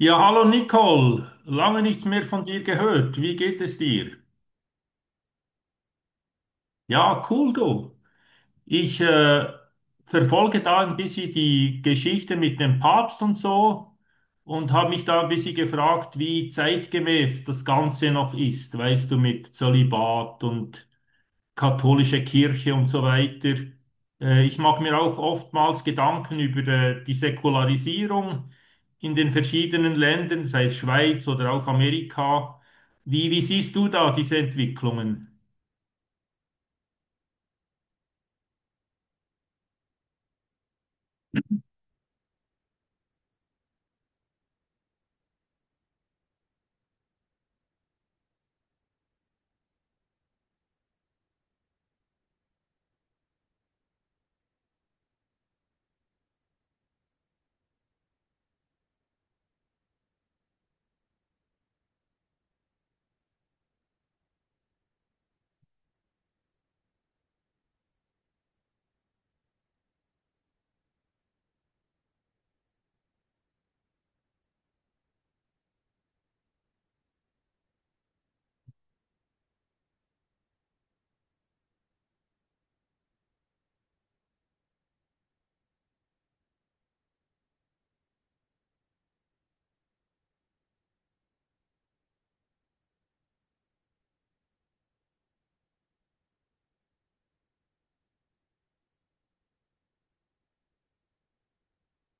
Ja, hallo Nicole, lange nichts mehr von dir gehört. Wie geht es dir? Ja, cool du. Ich verfolge da ein bisschen die Geschichte mit dem Papst und so und habe mich da ein bisschen gefragt, wie zeitgemäß das Ganze noch ist, weißt du, mit Zölibat und katholische Kirche und so weiter. Ich mache mir auch oftmals Gedanken über die Säkularisierung in den verschiedenen Ländern, sei es Schweiz oder auch Amerika. Wie siehst du da diese Entwicklungen?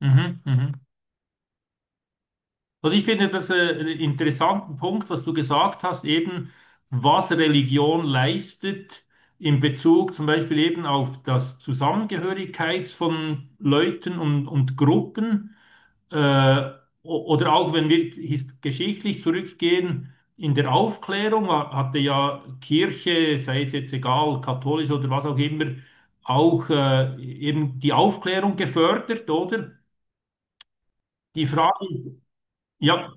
Mhm, mhm. Also ich finde das einen interessanten Punkt, was du gesagt hast, eben was Religion leistet in Bezug zum Beispiel eben auf das Zusammengehörigkeits von Leuten und Gruppen. Äh, oder auch wenn wir geschichtlich zurückgehen, in der Aufklärung hatte ja Kirche, sei es jetzt egal, katholisch oder was auch immer, auch eben die Aufklärung gefördert, oder? Die Frage ist, ja,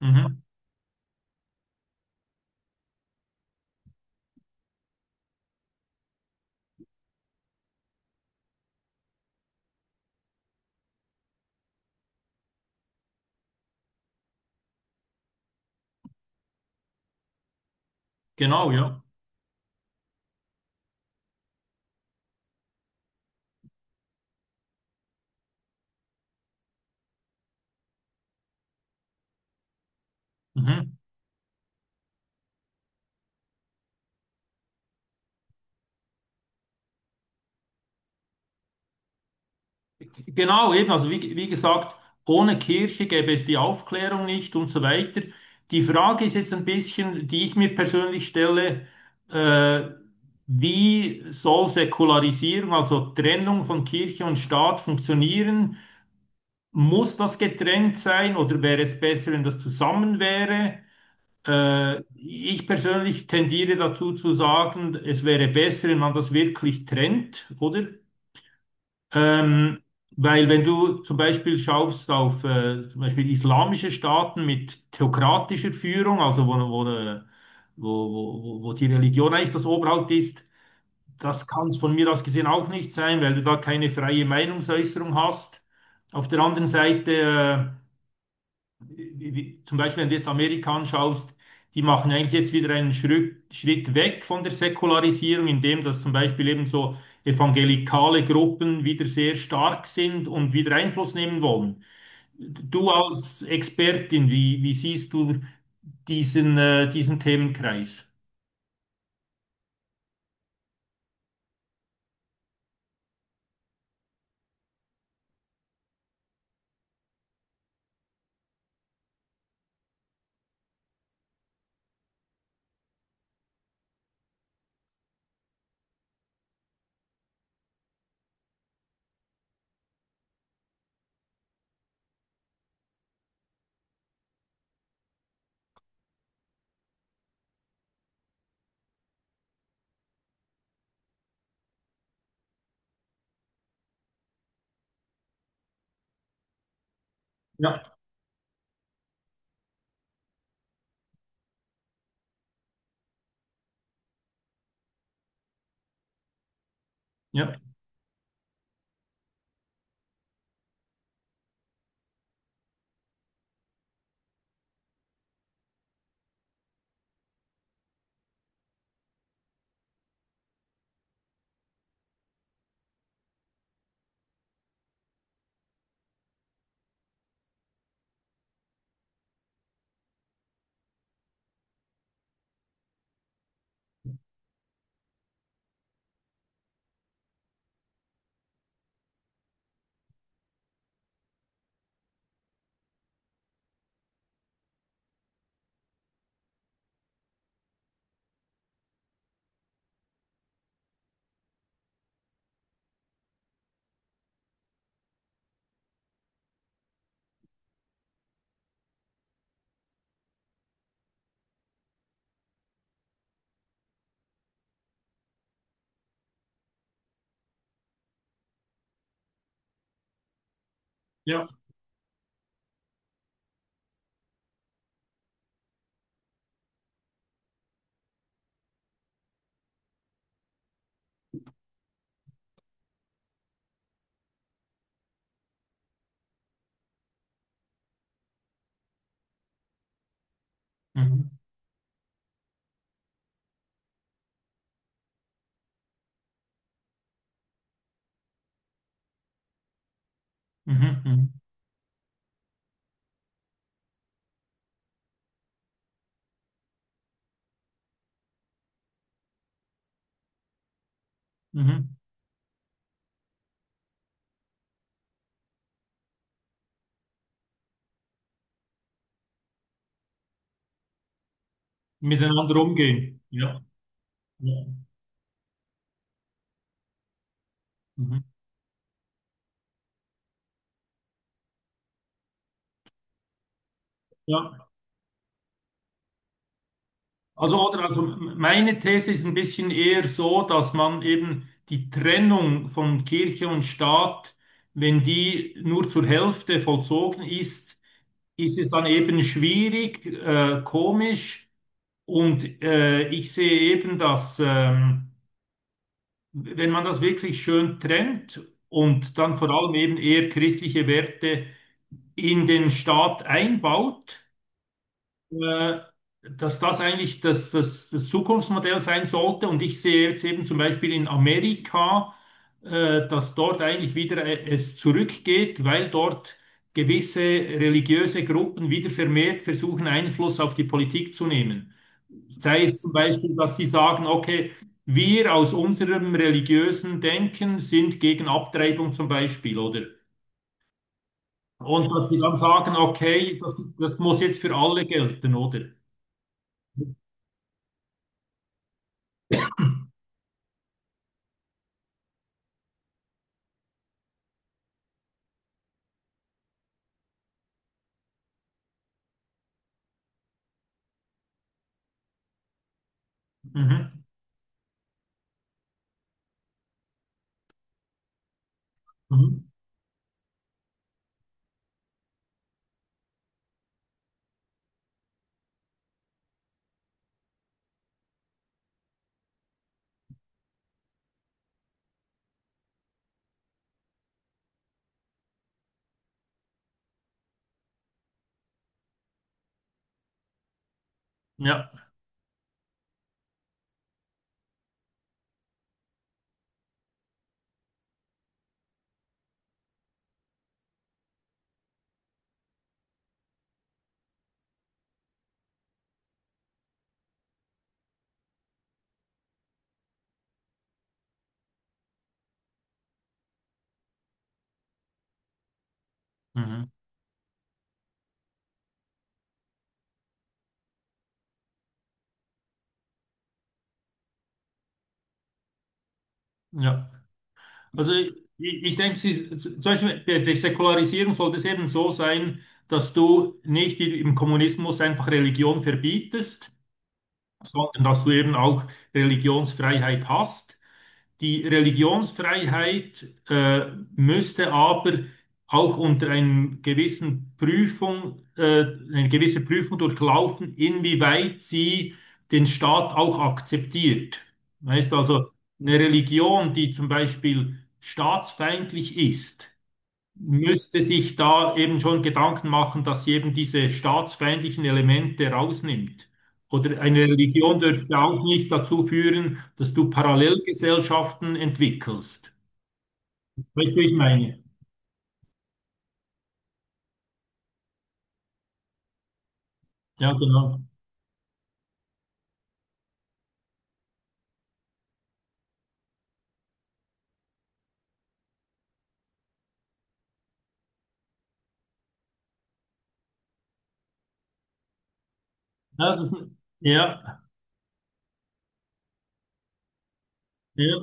mhm. Genau, ja. Mhm. Genau, eben, also wie, wie gesagt, ohne Kirche gäbe es die Aufklärung nicht und so weiter. Die Frage ist jetzt ein bisschen, die ich mir persönlich stelle, äh, wie soll Säkularisierung, also Trennung von Kirche und Staat funktionieren? Muss das getrennt sein oder wäre es besser, wenn das zusammen wäre? Ich persönlich tendiere dazu zu sagen, es wäre besser, wenn man das wirklich trennt, oder? Ähm, Weil wenn du zum Beispiel schaust auf zum Beispiel islamische Staaten mit theokratischer Führung, also wo, wo die Religion eigentlich das Oberhaupt ist, das kann es von mir aus gesehen auch nicht sein, weil du da keine freie Meinungsäußerung hast. Auf der anderen Seite wie, zum Beispiel, wenn du jetzt Amerika anschaust, die machen eigentlich jetzt wieder einen Schritt weg von der Säkularisierung, indem dass zum Beispiel eben so evangelikale Gruppen wieder sehr stark sind und wieder Einfluss nehmen wollen. Du als Expertin, wie siehst du diesen Themenkreis? Ja, ja, ja. Mhm. Mhm. Mhm. Mhm. Miteinander umgehen. Ja, ja. Mhm. Ja. Also, oder, also meine These ist ein bisschen eher so, dass man eben die Trennung von Kirche und Staat, wenn die nur zur Hälfte vollzogen ist, ist es dann eben schwierig, komisch. Und ich sehe eben, dass wenn man das wirklich schön trennt und dann vor allem eben eher christliche Werte in den Staat einbaut, äh, dass das eigentlich das Zukunftsmodell sein sollte. Und ich sehe jetzt eben zum Beispiel in Amerika, dass dort eigentlich wieder es zurückgeht, weil dort gewisse religiöse Gruppen wieder vermehrt versuchen, Einfluss auf die Politik zu nehmen. Sei es zum Beispiel, dass sie sagen, okay, wir aus unserem religiösen Denken sind gegen Abtreibung zum Beispiel, oder? Und dass sie dann sagen, okay, das muss jetzt für alle gelten, oder? Mhm. Mhm. Ja, mhm. Ja. Also ich, Ich denke, sie, zum Beispiel bei der Säkularisierung sollte es eben so sein, dass du nicht im Kommunismus einfach Religion verbietest, sondern dass du eben auch Religionsfreiheit hast. Die Religionsfreiheit müsste aber auch unter einem gewissen Prüfung, eine gewisse Prüfung durchlaufen, inwieweit sie den Staat auch akzeptiert. Weißt also, eine Religion, die zum Beispiel staatsfeindlich ist, müsste sich da eben schon Gedanken machen, dass sie eben diese staatsfeindlichen Elemente rausnimmt. Oder eine Religion dürfte auch nicht dazu führen, dass du Parallelgesellschaften entwickelst. Weißt du, wie ich meine? Ja, genau. Ja, das, ja, ja.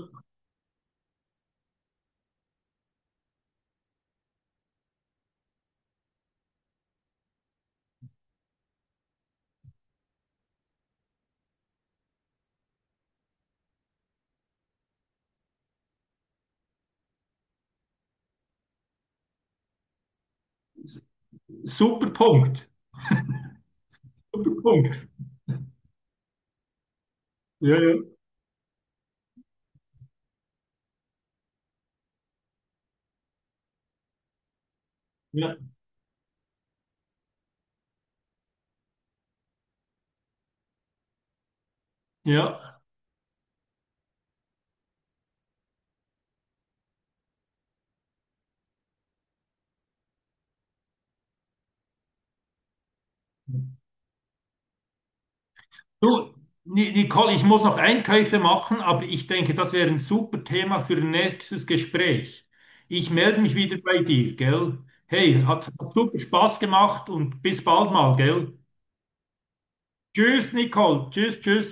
Super Punkt. Super Punkt. Ja, ja, ja. Ja. Du, Nicole, ich muss noch Einkäufe machen, aber ich denke, das wäre ein super Thema für ein nächstes Gespräch. Ich melde mich wieder bei dir, gell? Hey, hat super Spaß gemacht und bis bald mal, gell? Tschüss, Nicole. Tschüss, tschüss.